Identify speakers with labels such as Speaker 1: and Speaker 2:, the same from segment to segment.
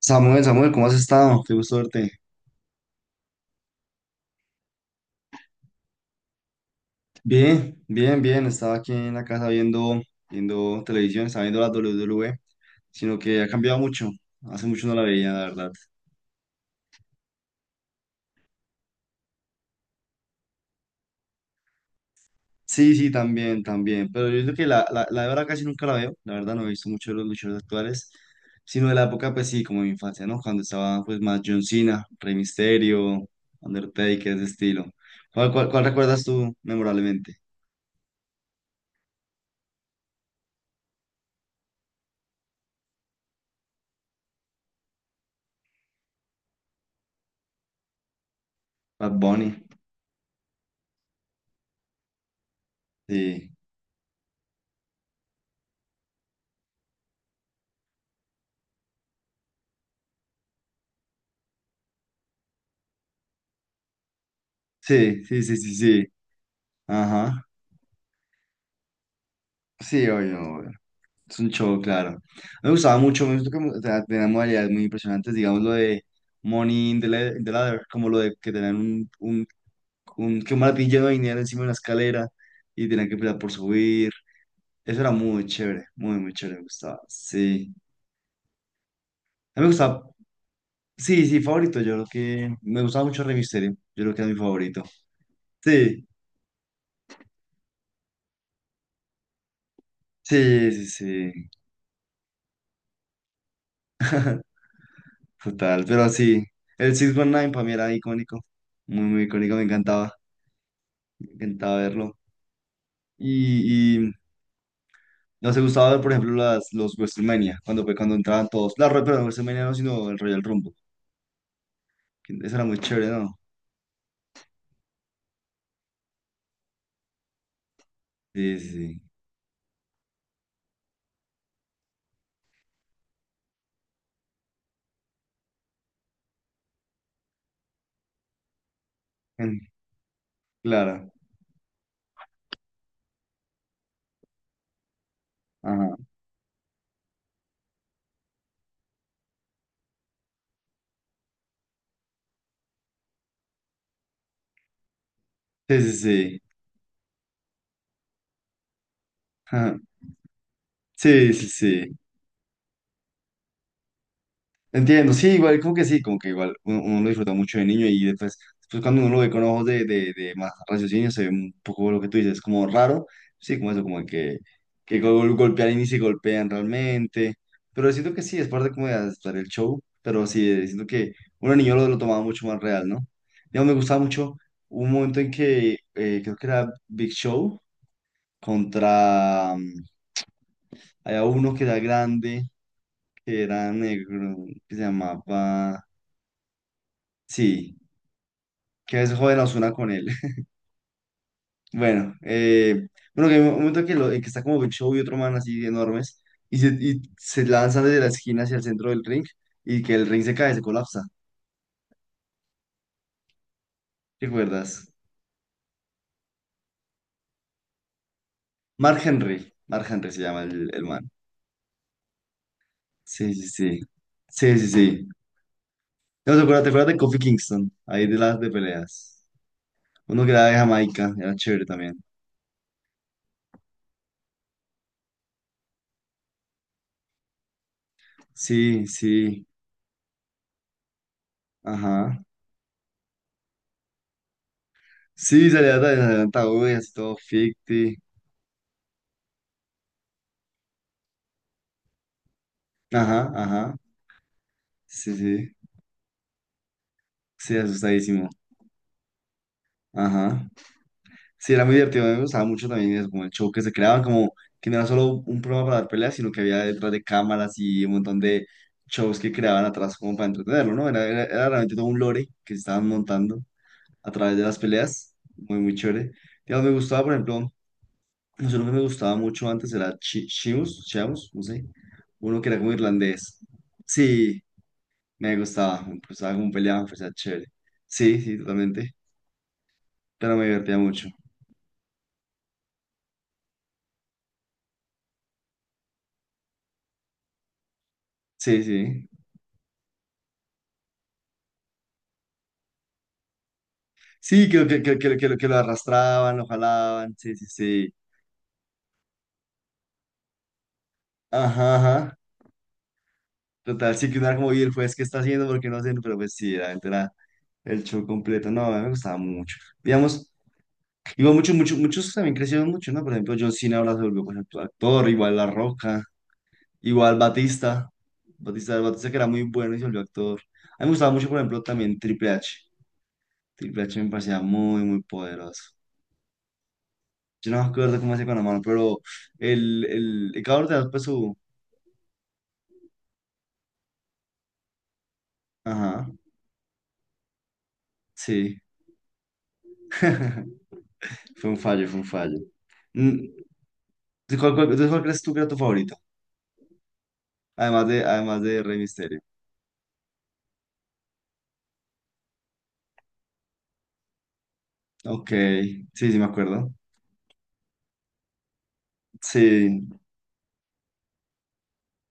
Speaker 1: Samuel, Samuel, ¿cómo has estado? Qué gusto verte. Bien, bien, bien. Estaba aquí en la casa viendo televisión, estaba viendo la WWE, sino que ha cambiado mucho. Hace mucho no la veía, la verdad. Sí, sí, también, también. Pero yo creo que la de ahora casi nunca la veo. La verdad, no he visto mucho de los luchadores actuales, sino de la época, pues sí, como de mi infancia, ¿no? Cuando estaba pues más John Cena, Rey Mysterio, Undertaker, ese estilo. ¿Cuál recuerdas tú memorablemente? Bad Bunny. Sí, sí, sí, sí, sí, sí. Ajá. Sí, obvio, obvio. Es un show, claro. Me gustaba mucho, me gustó que, o sea, tenía modalidades muy impresionantes, digamos lo de Money in the, la- in the Ladder, como lo de que tenían que un maletín lleno de dinero encima de una escalera y tenían que pelear por subir. Eso era muy chévere, muy, muy chévere, me gustaba. Sí. A mí me gustaba, sí, sí, favorito, yo creo que me gustaba mucho Rey Misterio, yo creo que era mi favorito. Sí, sí, sí, sí. Total, pero sí, el 619 para mí era icónico, muy, muy icónico, me encantaba verlo. Y no se gustaba ver, por ejemplo, las, los WrestleMania, cuando, cuando entraban todos. Perdón, WrestleMania no, sino el Royal Rumble. Que Eso era muy chévere, ¿no? Sí, sí, sí. Mm. Claro. Ajá. Sí, sí, sí. Ajá. Sí, sí, sí. Entiendo, sí, igual, como que sí, como que igual uno, uno lo disfruta mucho de niño y después, después cuando uno lo ve con ojos de, de más raciocinio, se ve un poco lo que tú dices, como raro, sí, como eso, como que golpean y ni se golpean realmente, pero siento que sí, es parte como de hacer el show, pero sí, siento que uno de niño lo tomaba mucho más real, ¿no? Digamos, me gustaba mucho un momento en que creo que era Big Show contra, mm, había uno que era grande, que eran negro, que se llamaba... Sí, que a veces joden a Ozuna con él. Bueno, bueno, que hay un momento que, lo, en que está como Big Show y otro man así enormes y se lanzan desde la esquina hacia el centro del ring y que el ring se cae, se colapsa. ¿Te acuerdas? Mark Henry. Mark Henry se llama el man. Sí, sí, sí. Sí, sí, sí. No, ¿te acuerdas de Kofi Kingston? Ahí de las de peleas. Uno que era de Jamaica, era chévere también. Sí, sí. Ajá. Sí, salía de adelantado, y así todo ficti. Ajá, ajá. Sí, sí. Sí, asustadísimo. Ajá. Sí, era muy divertido, me gustaba mucho también eso, como el show que se creaban, como que no era solo un programa para dar peleas, sino que había detrás de cámaras y un montón de shows que creaban atrás como para entretenerlo, ¿no? Era realmente todo un lore que se estaban montando a través de las peleas, muy, muy chévere. Digamos, me gustaba, por ejemplo, no sé, uno que me gustaba mucho antes era Chimus, Chiamus, no sé, uno que era como irlandés. Sí, me gustaba como peleaban, pues era chévere. Sí, sí, totalmente, pero me divertía mucho. Sí, sí. Sí, que lo que lo arrastraban, lo jalaban. Sí, sí, sí. Ajá, ajá. Total, sí que una como, y el juez, ¿qué está haciendo? Porque no sé, pero pues sí, realmente era el show completo. No, a mí me gustaba mucho. Digamos, igual muchos también crecieron mucho, ¿no? Por ejemplo, John Cena ahora se volvió pues, actor, igual La Roca, igual Batista. Batista, Batista que era muy bueno y se volvió actor. A mí me gustaba mucho, por ejemplo, también Triple H. Triple H me parecía muy, muy poderoso. Yo no me acuerdo cómo se con la mano, pero el cabrón de pues su... Ajá, sí. Fue un fallo, fue un fallo. Mm, Entonces, ¿cuál crees tú que era tu favorito? Además de Rey Misterio. Ok, sí, sí me acuerdo. Sí.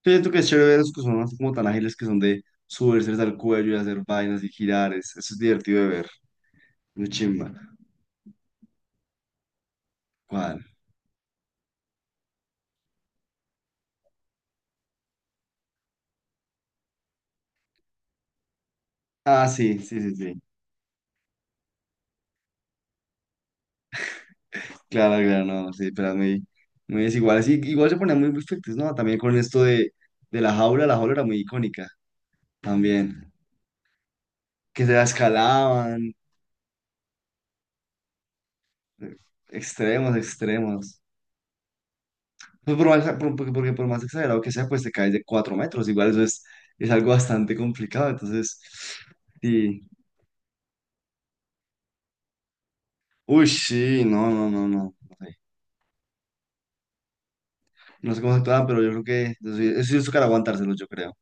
Speaker 1: Yo siento que es chévere ver esos que son así como tan ágiles que son de subirse al cuello y hacer vainas y girar. Eso es divertido de ver. Muy chimba. ¿Cuál? Ah, sí, sí, sí, sí. Claro, claro, no, sí, pero muy, muy desiguales. Y igual se ponían muy perfectos, ¿no? También con esto de la jaula era muy icónica también. Que se la escalaban, eh, extremos, extremos. Pues por más, porque, porque por más exagerado que sea, pues te caes de 4 metros. Igual eso es algo bastante complicado. Entonces, sí. Uy, sí, no, no, no, no. No sé, no sé cómo se actuaban, pero yo creo que eso, eso sí es tocar aguantárselo, yo creo.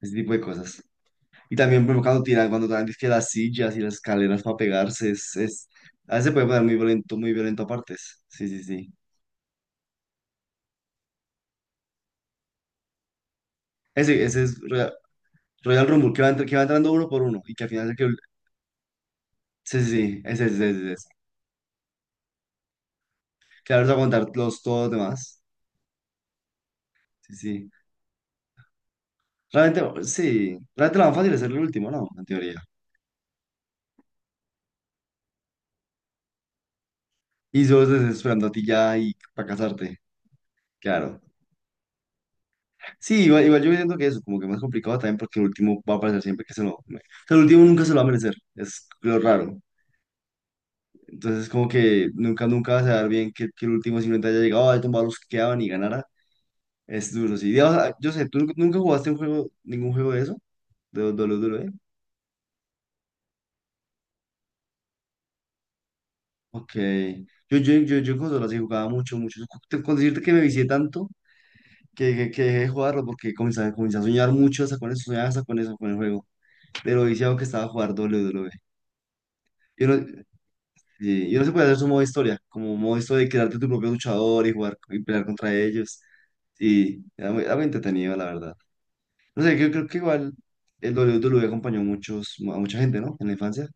Speaker 1: Ese tipo de cosas. Y también, por ejemplo, cuando tiran dizque las sillas y las escaleras para pegarse, es, a veces se puede poner muy violento a partes. Sí, sí, sí. Ese, ese es Royal, Royal Rumble, que va, que va entrando uno por uno y que al final es el que... Sí, sí, sí, ese. Que ahora les va a contar los, todos los demás. Sí, sí. Realmente, sí, realmente lo más fácil es ser el último, ¿no? En teoría. Y solo estás esperando a ti ya y para casarte. Claro. Sí, igual, igual yo siento que eso, como que más complicado también porque el último va a aparecer siempre que se lo... O sea, el último nunca se lo va a merecer. Es lo raro. Entonces, como que nunca, nunca vas a dar bien que el último simplemente haya llegado, haya tomado los que quedaban y ganara. Es duro, sí. Digamos, ah, yo sé, ¿tú nunca nunca jugaste un juego, ningún juego de eso? ¿De WWE? Ok. Yo en consola sí jugaba mucho, mucho. Con decirte que me vicié tanto que dejé de jugarlo porque comencé, comencé a soñar mucho hasta con eso, soñaba hasta con eso, con el juego. De lo viciado que estaba a jugar WWE. Yo no, sí, yo no se puede hacer su modo historia, como modo historia de crearte tu propio luchador y jugar y pelear contra ellos. Sí, era muy entretenido, la verdad. No sé, yo creo que igual el WWE acompañó a muchos, a mucha gente, ¿no? En la infancia.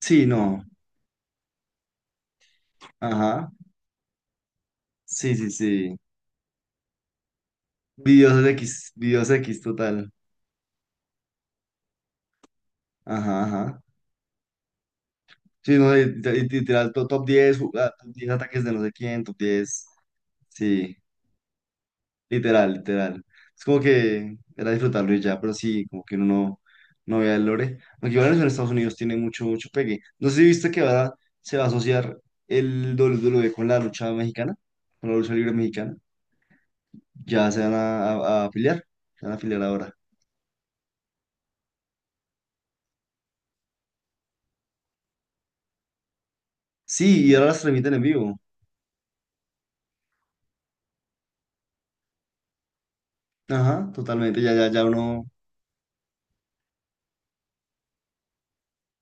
Speaker 1: Sí, no. Ajá. Sí, sí, sí. Videos X total. Ajá, ajá. Sí, no, literal, top 10 top 10 ataques de no sé quién, top diez. Sí, literal, literal. Es como que era disfrutarlo y ya, pero sí, como que uno no, no vea el lore. Aunque igual eso en Estados Unidos tiene mucho, mucho pegue. No sé si viste que ahora se va a asociar el WWE con la lucha mexicana, con la lucha libre mexicana. Ya se van a, a afiliar, se van a afiliar ahora. Sí, y ahora las transmiten en vivo. Ajá, totalmente, ya, ya, ya uno.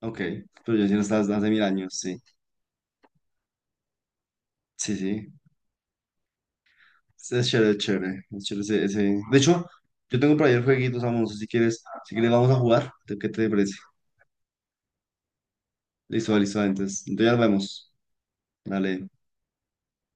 Speaker 1: Ok, pero yo sí no estaba desde hace 1000 años, sí. Sí, sí. Es chévere, es chévere. Es chévere ese, De hecho, yo tengo por ahí el jueguito, Samu, no sé si quieres, si quieres vamos a jugar. ¿Qué te parece? Listo, listo, entonces. Entonces ya nos vemos. Dale.